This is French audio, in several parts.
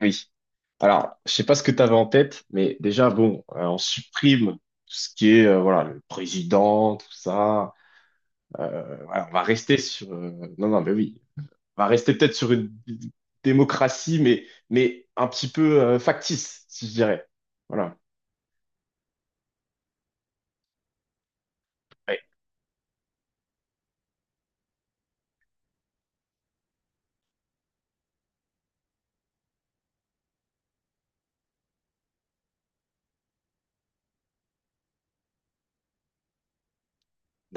Oui. Alors, je sais pas ce que tu avais en tête, mais déjà, bon, on supprime tout ce qui est, voilà, le président, tout ça. Voilà, on va rester sur, non, non, mais oui. On va rester peut-être sur une démocratie, mais un petit peu factice, si je dirais. Voilà. Ouais,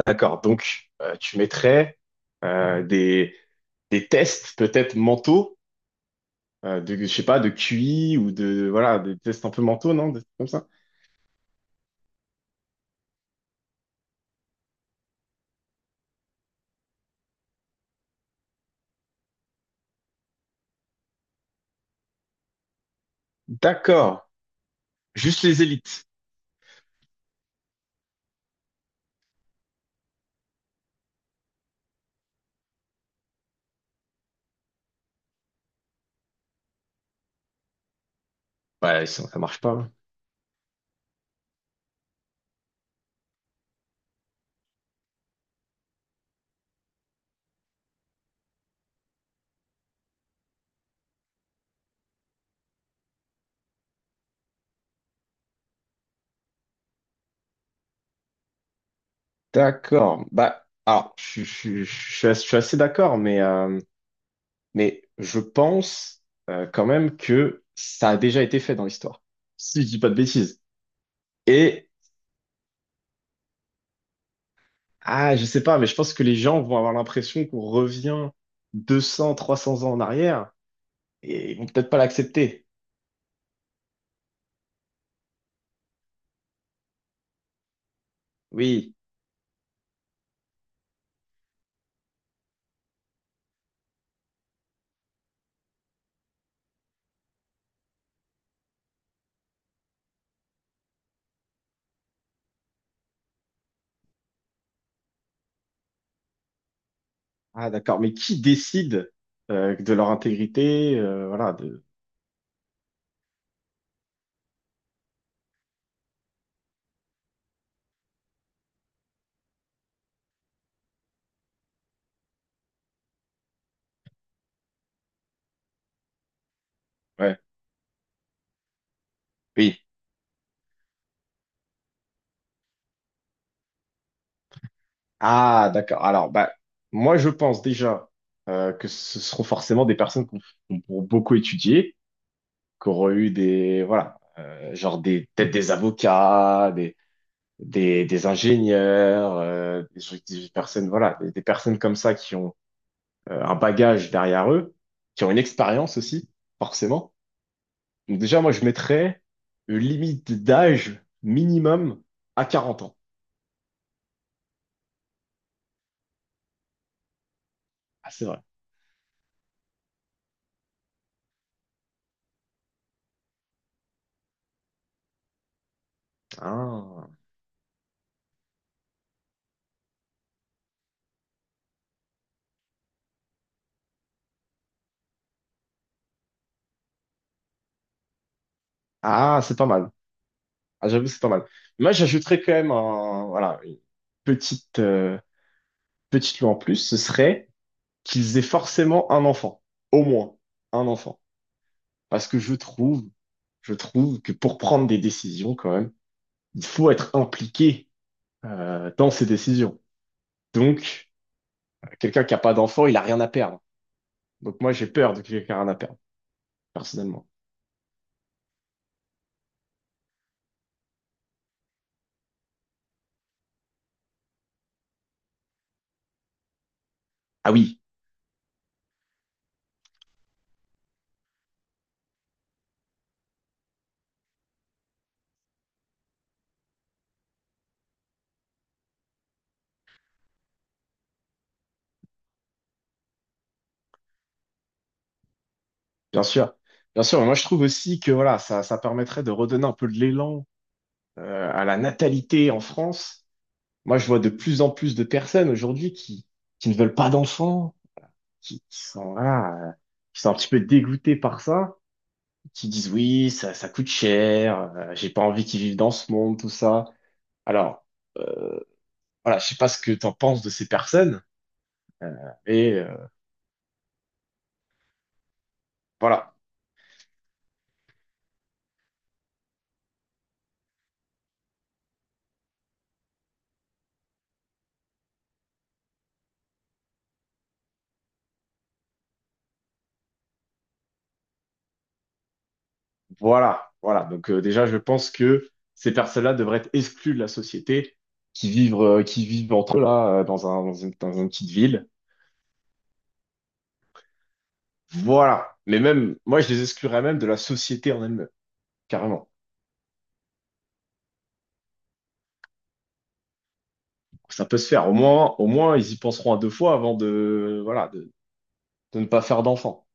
d'accord. Donc, tu mettrais euh, des, des tests peut-être mentaux, de, je sais pas, de QI ou de, voilà, des tests un peu mentaux, non? Des trucs comme ça. D'accord. Juste les élites. Ouais, sinon ça marche pas, hein. D'accord. Bah, alors, je suis assez d'accord, mais je pense quand même que ça a déjà été fait dans l'histoire, si je dis pas de bêtises. Et, ah, je sais pas, mais je pense que les gens vont avoir l'impression qu'on revient 200 300 ans en arrière et ils vont peut-être pas l'accepter. Oui. Ah, d'accord. Mais qui décide de leur intégrité, voilà, de... Ouais. Oui. Ah, d'accord. Alors, bah, moi, je pense déjà que ce seront forcément des personnes qu'on beaucoup étudier, qui auront eu des, voilà, genre des, peut-être des avocats, des ingénieurs, des personnes, voilà, des personnes comme ça qui ont un bagage derrière eux, qui ont une expérience aussi, forcément. Donc déjà, moi, je mettrais une limite d'âge minimum à 40 ans. Ah, c'est vrai. Ah, ah, c'est pas mal. Ah, j'avoue, c'est pas mal. Moi, j'ajouterais quand même voilà, une petite, euh, petite loi en plus, ce serait qu'ils aient forcément un enfant. Au moins, un enfant. Parce que je trouve que pour prendre des décisions, quand même, il faut être impliqué, dans ces décisions. Donc, quelqu'un qui n'a pas d'enfant, il a rien à perdre. Donc, moi, j'ai peur de quelqu'un qui a rien à perdre, personnellement. Ah oui, bien sûr. Bien sûr, mais moi, je trouve aussi que, voilà, ça permettrait de redonner un peu de l'élan, à la natalité en France. Moi, je vois de plus en plus de personnes aujourd'hui qui ne veulent pas d'enfants, qui, qui sont, voilà, euh, qui sont un petit peu dégoûtées par ça, qui disent oui, ça coûte cher, j'ai pas envie qu'ils vivent dans ce monde, tout ça. Alors, euh, voilà, je sais pas ce que t'en penses de ces personnes, euh, et voilà, voilà, voilà. Donc déjà, je pense que ces personnes-là devraient être exclues de la société, qui vivent entre eux là, dans une petite ville. Voilà. Mais même, moi, je les exclurais même de la société en elle-même, carrément. Ça peut se faire. Au moins, ils y penseront à deux fois avant de, voilà, de ne pas faire d'enfant.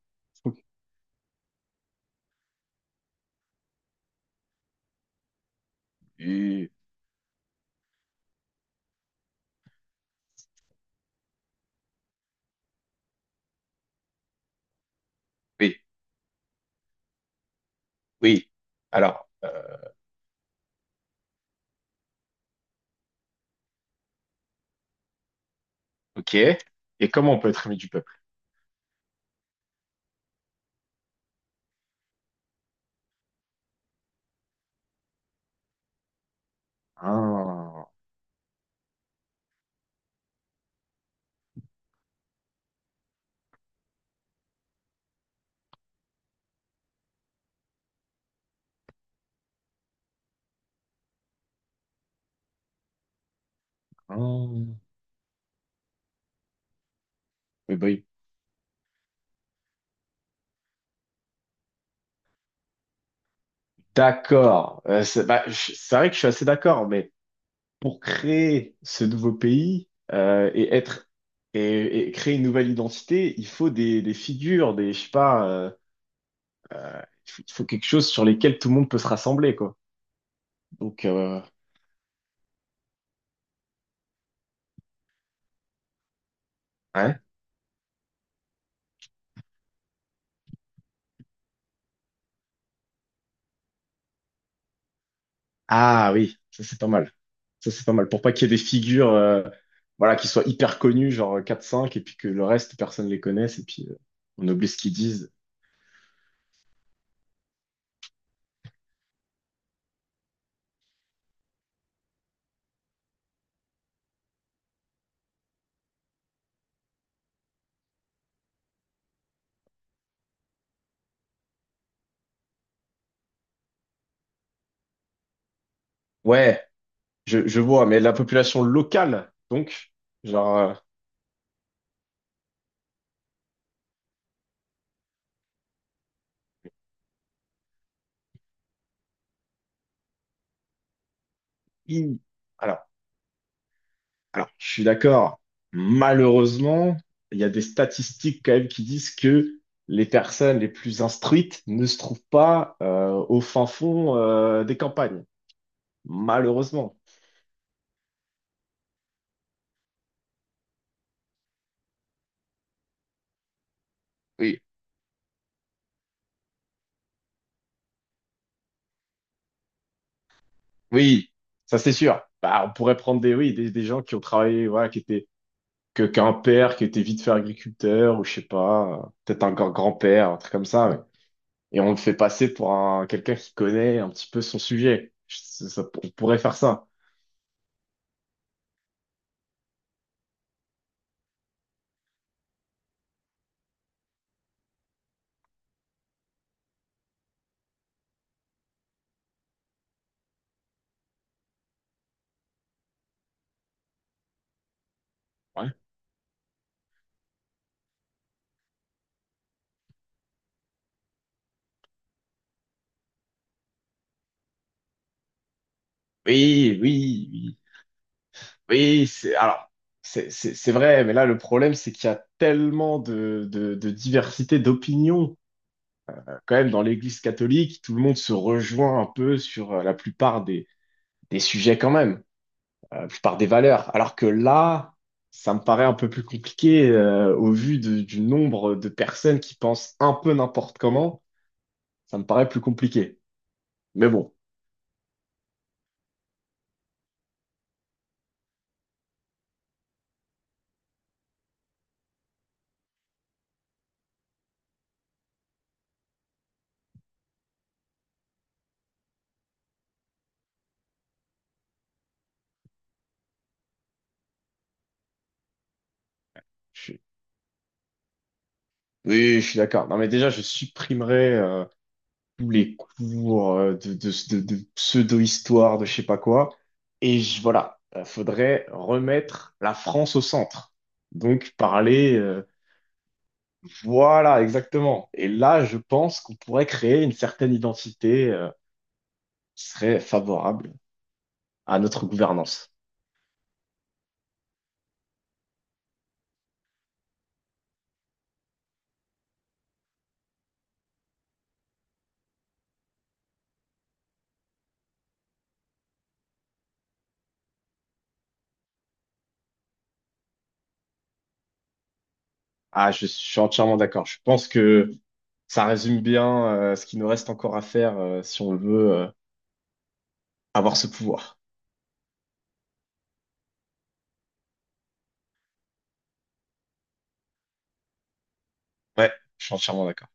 Oui, oui, oui. Alors, ok. Et comment on peut être ami du peuple? Ah, ah. Oui, bah oui. D'accord. C'est bah, c'est vrai que je suis assez d'accord, mais pour créer ce nouveau pays et créer une nouvelle identité, il faut des figures, des je sais pas, il faut quelque chose sur lesquels tout le monde peut se rassembler, quoi. Donc, ouais. Ah oui, ça c'est pas mal. Ça c'est pas mal. Pour pas qu'il y ait des figures voilà, qui soient hyper connues, genre quatre cinq, et puis que le reste, personne les connaisse, et puis on oublie ce qu'ils disent. Ouais, je vois, mais la population locale, donc, genre, il- alors, alors, je suis d'accord. Malheureusement, il y a des statistiques quand même qui disent que les personnes les plus instruites ne se trouvent pas au fin fond des campagnes. Malheureusement. Oui, ça c'est sûr. Bah, on pourrait prendre des, oui, des gens qui ont travaillé, voilà, qui étaient, qu'un père qui était vite fait agriculteur, ou je sais pas, peut-être un grand-père, un truc comme ça, ouais. Et on le fait passer pour quelqu'un qui connaît un petit peu son sujet. On pourrait faire ça. Ouais. Oui, oui, oui. Oui, c'est alors, c'est vrai, mais là le problème c'est qu'il y a tellement de diversité d'opinions. Quand même dans l'Église catholique, tout le monde se rejoint un peu sur la plupart des sujets quand même, la plupart des valeurs. Alors que là, ça me paraît un peu plus compliqué au vu du nombre de personnes qui pensent un peu n'importe comment, ça me paraît plus compliqué. Mais bon, je suis- oui, je suis d'accord. Non mais déjà je supprimerai tous les cours de pseudo-histoire, de je sais pas quoi. Et voilà, faudrait remettre la France au centre. Donc parler, voilà, exactement. Et là, je pense qu'on pourrait créer une certaine identité qui serait favorable à notre gouvernance. Ah, suis entièrement d'accord. Je pense que ça résume bien ce qu'il nous reste encore à faire si on veut avoir ce pouvoir. Ouais, je suis entièrement d'accord.